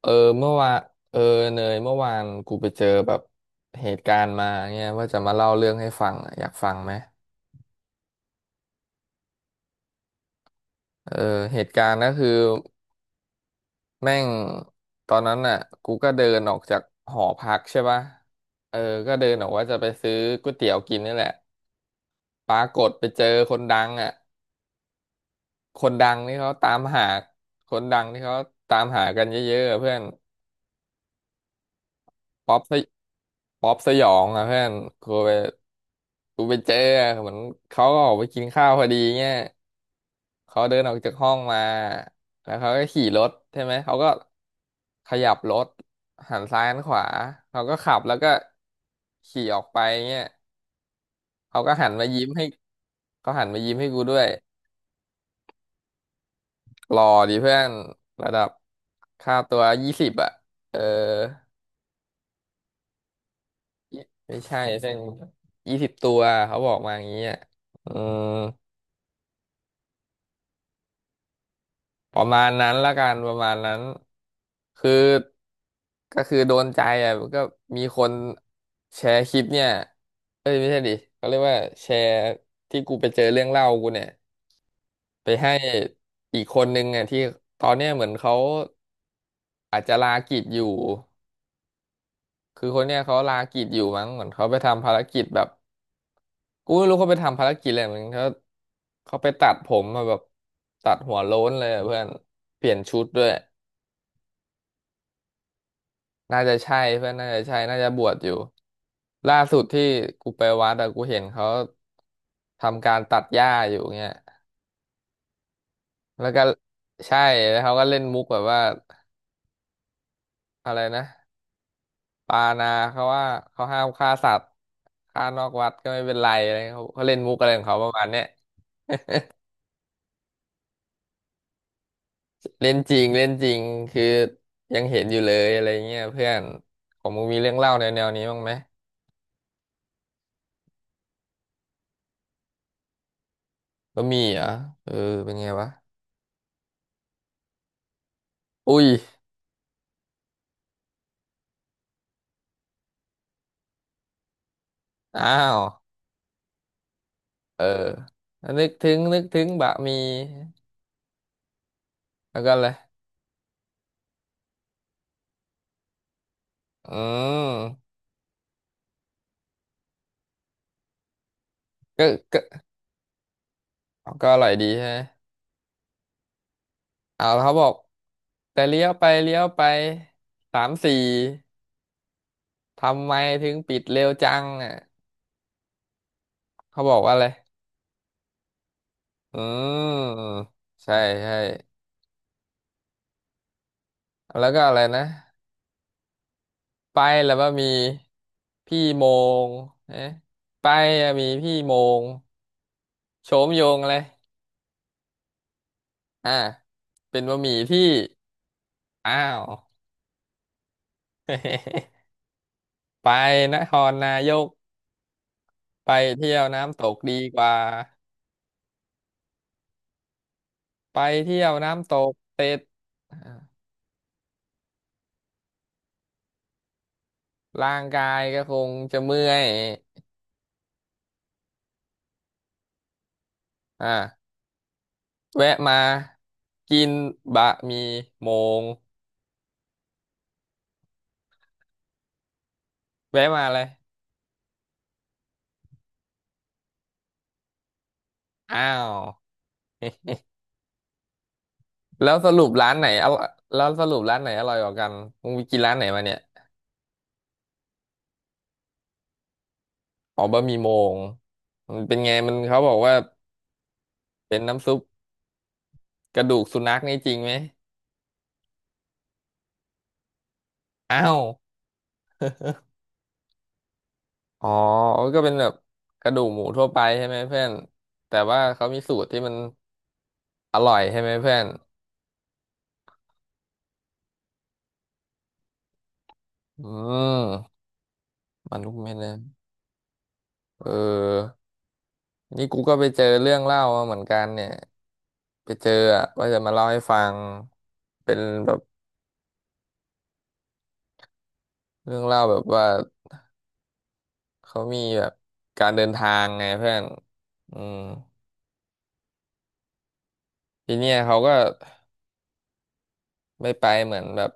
เออเมื่อวานเออเนยเมื่อวานกูไปเจอแบบเหตุการณ์มาเนี่ยว่าจะมาเล่าเรื่องให้ฟังอะอยากฟังไหมเออเหตุการณ์ก็คือแม่งตอนนั้นน่ะกูก็เดินออกจากหอพักใช่ปะเออก็เดินออกว่าจะไปซื้อก๋วยเตี๋ยวกินนี่แหละปรากฏไปเจอคนดังอ่ะคนดังนี่เขาตามหาคนดังที่เขาตามหากันเยอะๆอะเพื่อน ป๊อปสยป๊อปสยองอ่ะเพื่อนกูไปกูไปเจออะเหมือนเขาก็ออกไปกินข้าวพอดีเงี้ยเขาเดินออกจากห้องมาแล้วเขาก็ขี่รถใช่ไหมเขาก็ขยับรถหันซ้ายหันขวาเขาก็ขับแล้วก็ขี่ออกไปเงี้ยเขาก็หันมายิ้มให้เขาหันมายิ้มให้กูด้วยหล่อดีเพื่อนระดับค่าตัวยี่สิบอ่ะเออไม่ใช่เส้น20 ตัวเขาบอกมาอย่างนี้ยอืม ประมาณนั้นละกันประมาณนั้นคือก็คือโดนใจอ่ะก็มีคนแชร์คลิปเนี่ยเอ้ยไม่ใช่ดิเขาเรียกว่าแชร์ที่กูไปเจอเรื่องเล่ากูเนี่ยไปให้อีกคนนึงอ่ะที่ตอนเนี้ยเหมือนเขาอาจจะลากิจอยู่คือคนเนี้ยเขาลากิจอยู่มั้งเหมือนเขาไปทำภารกิจแบบกูไม่รู้เขาไปทำภารกิจอะไรเหมือนเขาเขาไปตัดผมมาแบบตัดหัวโล้นเลยอะเพื่อนเปลี่ยนชุดด้วย น่าจะใช่เพื่อนน่าจะใช่น่าจะบวชอยู่ล่าสุดที่กูไปวัดอะกูเห็นเขาทำการตัดหญ้าอยู่เงี้ยแล้วก็ใช่แล้วเขาก็เล่นมุกแบบว่าอะไรนะปานาเขาว่าเขาห้ามฆ่าสัตว์ฆ่านอกวัดก็ไม่เป็นไรอะไรเขาเขาเล่นมุกอะไรของเขาประมาณเนี้ยเล่นจริงเล่นจริงคือยังเห็นอยู่เลยอะไรเงี้ยเพื่อนของมึงมีเรื่องเล่าแนวนี้บ้างไหมก็มีเหรอเออเป็นไงวะอุ้ยอ้าว เออนึกถึงบะหมี่แล้วก็อะไรอืมก็ก็ก็อร่อยดีใช่ไหมเอาเขาบอกแต่เลี้ยวไปเลี้ยวไปสามสี่ทำไมถึงปิดเร็วจังอ่ะเขาบอกว่าอะไรอืมใช่ใช่แล้วก็อะไรนะไปแล้วว่ามีพี่โมงเอ๊ะไปอะมีพี่โมงโฉมโยงอะไรอ่าเป็นบะหมี่ที่อ้าว ไปนครนายกไปเที่ยวน้ำตกดีกว่าไปเที่ยวน้ำตกเสร็จอ่าร่างกายก็คงจะเมื่อยอ่าแวะมากินบะหมี่โมงแวะมาเลยอ้าวแล้วสรุปร้านไหนอร่อยแล้วสรุปร้านไหนอร่อยกว่ากันมึงไปกินร้านไหนมาเนี่ยอ๋อบะหมี่โมงมันเป็นไงมันเขาบอกว่าเป็นน้ำซุปกระดูกสุนัขนี่จริงไหมอ้าว อ๋อก็เป็นแบบกระดูกหมูทั่วไปใช่ไหมเพื่อนแต่ว่าเขามีสูตรที่มันอร่อยใช่ไหมเพื่อนอืมมันลูกเม็ดนะเออนี่กูก็ไปเจอเรื่องเล่ามาเหมือนกันเนี่ยไปเจออะว่าจะมาเล่าให้ฟังเป็นแบบเรื่องเล่าแบบว่าเขามีแบบการเดินทางไงเพื่อนอืมทีเนี้ยเขาก็ไม่ไปเหมือนแบบ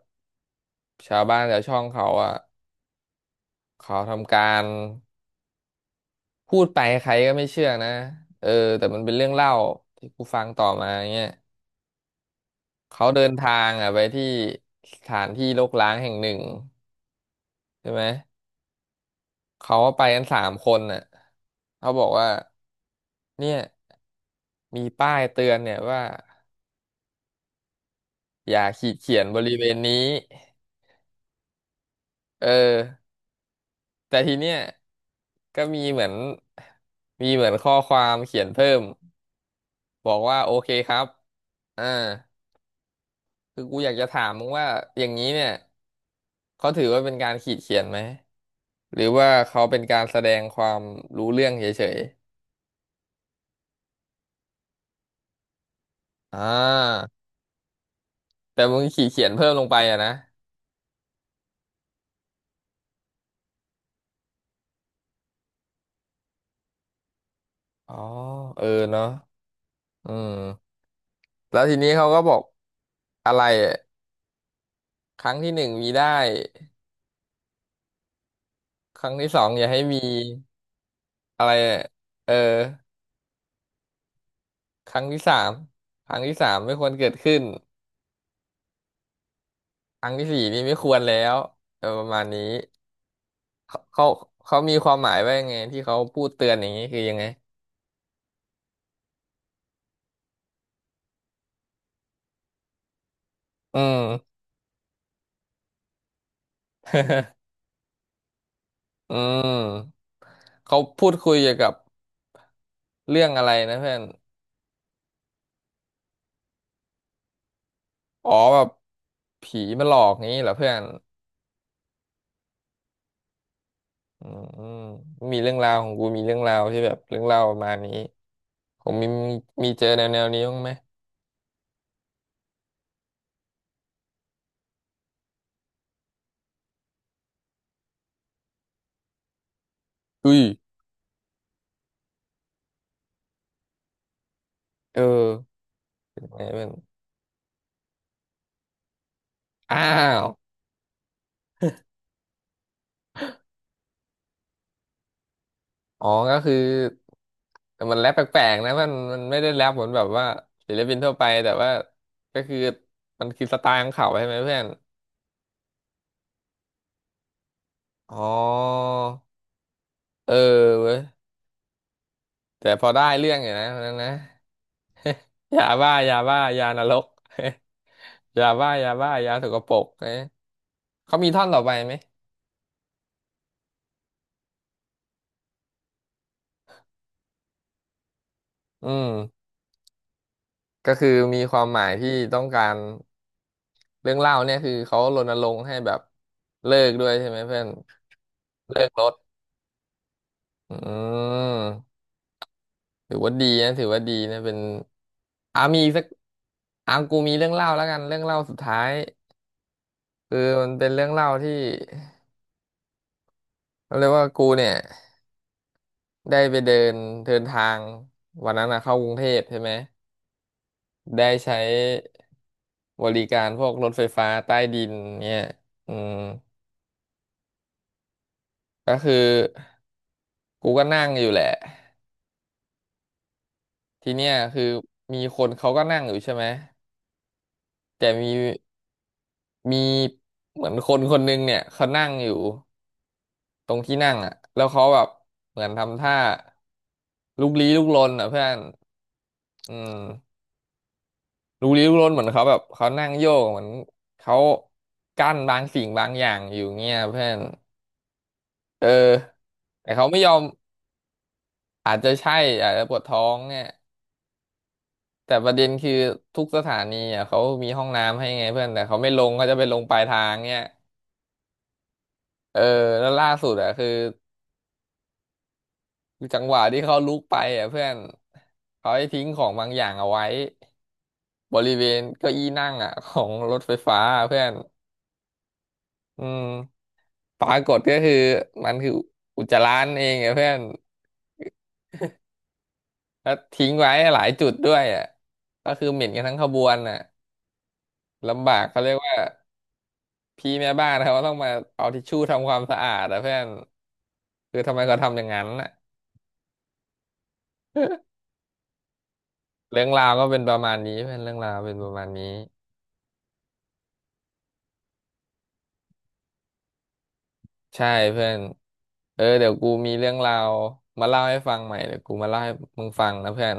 ชาวบ้านชาวช่องเขาอ่ะเขาทำการ พูดไปใครก็ไม่เชื่อนะเออแต่มันเป็นเรื่องเล่าที่กูฟังต่อมาเงี้ยเขาเดินทางอ่ะไปที่สถานที่รกร้างแห่งหนึ่งใช่ไหมเขาไปกันสามคนน่ะเขาบอกว่าเนี่ยมีป้ายเตือนเนี่ยว่าอย่าขีดเขียนบริเวณนี้เออแต่ทีเนี้ยก็มีเหมือนข้อความเขียนเพิ่มบอกว่าโอเคครับอ่า คือกูอยากจะถามมึงว่าอย่างนี้เนี่ยเขาถือว่าเป็นการขีดเขียนไหมหรือว่าเขาเป็นการแสดงความรู้เรื่องเฉยๆอ่าแต่มึงขีดเขียนเพิ่มลงไปอะนะอ๋อเออเนาะอืมแล้วทีนี้เขาก็บอกอะไรอะครั้งที่หนึ่งมีได้ครั้งที่สองอย่าให้มีอะไรอะเออครั้งที่สามครั้งที่สามไม่ควรเกิดขึ้นครั้งที่สี่นี่ไม่ควรแล้วเออประมาณนี้ เขาเขาเขามีความหมายว่ายังไงที่เขาพูดเตือนอย่างนี้คือยังไงอืมอืมเขาพูดคุยเกี่ยวกับเรื่องอะไรนะเพื่อนอ๋อแบบผีมาหลอกงี้เหรอเพื่อนอืมมีเรื่องราวของกูมีเรื่องราวที่แบบเรื่องราวประมาณนี้ผมมีมีเจอแนวนี้บ้างไหมอุ้ยเออเป็นไงเพื่อนอ้าว อ๋อก็คือแต่มันแรปแปลกๆนะมันไม่ได้แรปเหมือนแบบว่าศิลปินทั่วไปแต่ว่าก็คือมันคือสไตล์ของเขาใช่ไหมเพื่อนอ๋อเออเว้ยแต่พอได้เรื่องอยู่นะวันนั้นนะยาบ้ายาบ้ายานรก ยาบ้ายาบ้ายาสกปรกเอ๊ะเขามีท่อนต่อไปไหมอืมก็คือมีความหมายที่ต้องการเรื่องเล่าเนี่ยคือเขารณรงค์ให้แบบเลิกด้วยใช่ไหมเพื่อนเลิกรถ อืมถือว่าดีนะถือว่าดีนะเป็นมีอีกสักกูมีเรื่องเล่าแล้วกันเรื่องเล่าสุดท้ายคือมันเป็นเรื่องเล่าที่เขาเรียกว่ากูเนี่ยได้ไปเดินเดินทางวันนั้นนะเข้ากรุงเทพใช่ไหมได้ใช้บริการพวกรถไฟฟ้าใต้ดินเนี่ยอืมก็คือกูก็นั่งอยู่แหละทีเนี้ยคือมีคนเขาก็นั่งอยู่ใช่ไหมแต่มีเหมือนคนคนหนึงเนี่ยเขานั่งอยู่ตรงที่นั่งอ่ะแล้วเขาแบบเหมือนทำท่าลุกลี้ลุกลนอ่ะเพื่อนอืมลุกลี้ลุกลนเหมือนเขาแบบเขานั่งโยกเหมือนเขากั้นบางสิ่งบางอย่างอยู่เงี้ยเพื่อนเออแต่เขาไม่ยอมอาจจะใช่อาจจะปวดท้องเนี่ยแต่ประเด็นคือทุกสถานีอ่ะเขามีห้องน้ำให้ไงเพื่อนแต่เขาไม่ลงเขาจะไปลงปลายทางเนี่ยเออแล้วล่าสุดอ่ะคือจังหวะที่เขาลุกไปอ่ะเพื่อนเขาให้ทิ้งของบางอย่างเอาไว้บริเวณเก้าอี้นั่งอ่ะของรถไฟฟ้าอะเพื่อนอืมปรากฏก็คือมันคืออุจจาระนั่นเองอ่ะเพื่อนแล้วทิ้งไว้หลายจุดด้วยอ่ะก็คือเหม็นกันทั้งขบวนอ่ะลำบากเขาเรียกว่าพี่แม่บ้านเขาต้องมาเอาทิชชู่ทำความสะอาดอ่ะเพื่อนคือทำไมเขาทำอย่างนั้นอ่ะ เรื่องราวก็เป็นประมาณนี้เพื่อนเรื่องราวเป็นประมาณนี้ ใช่เพื่อนเออเดี๋ยวกูมีเรื่องราวมาเล่าให้ฟังใหม่เดี๋ยวกูมาเล่าให้มึงฟังนะเพื่อน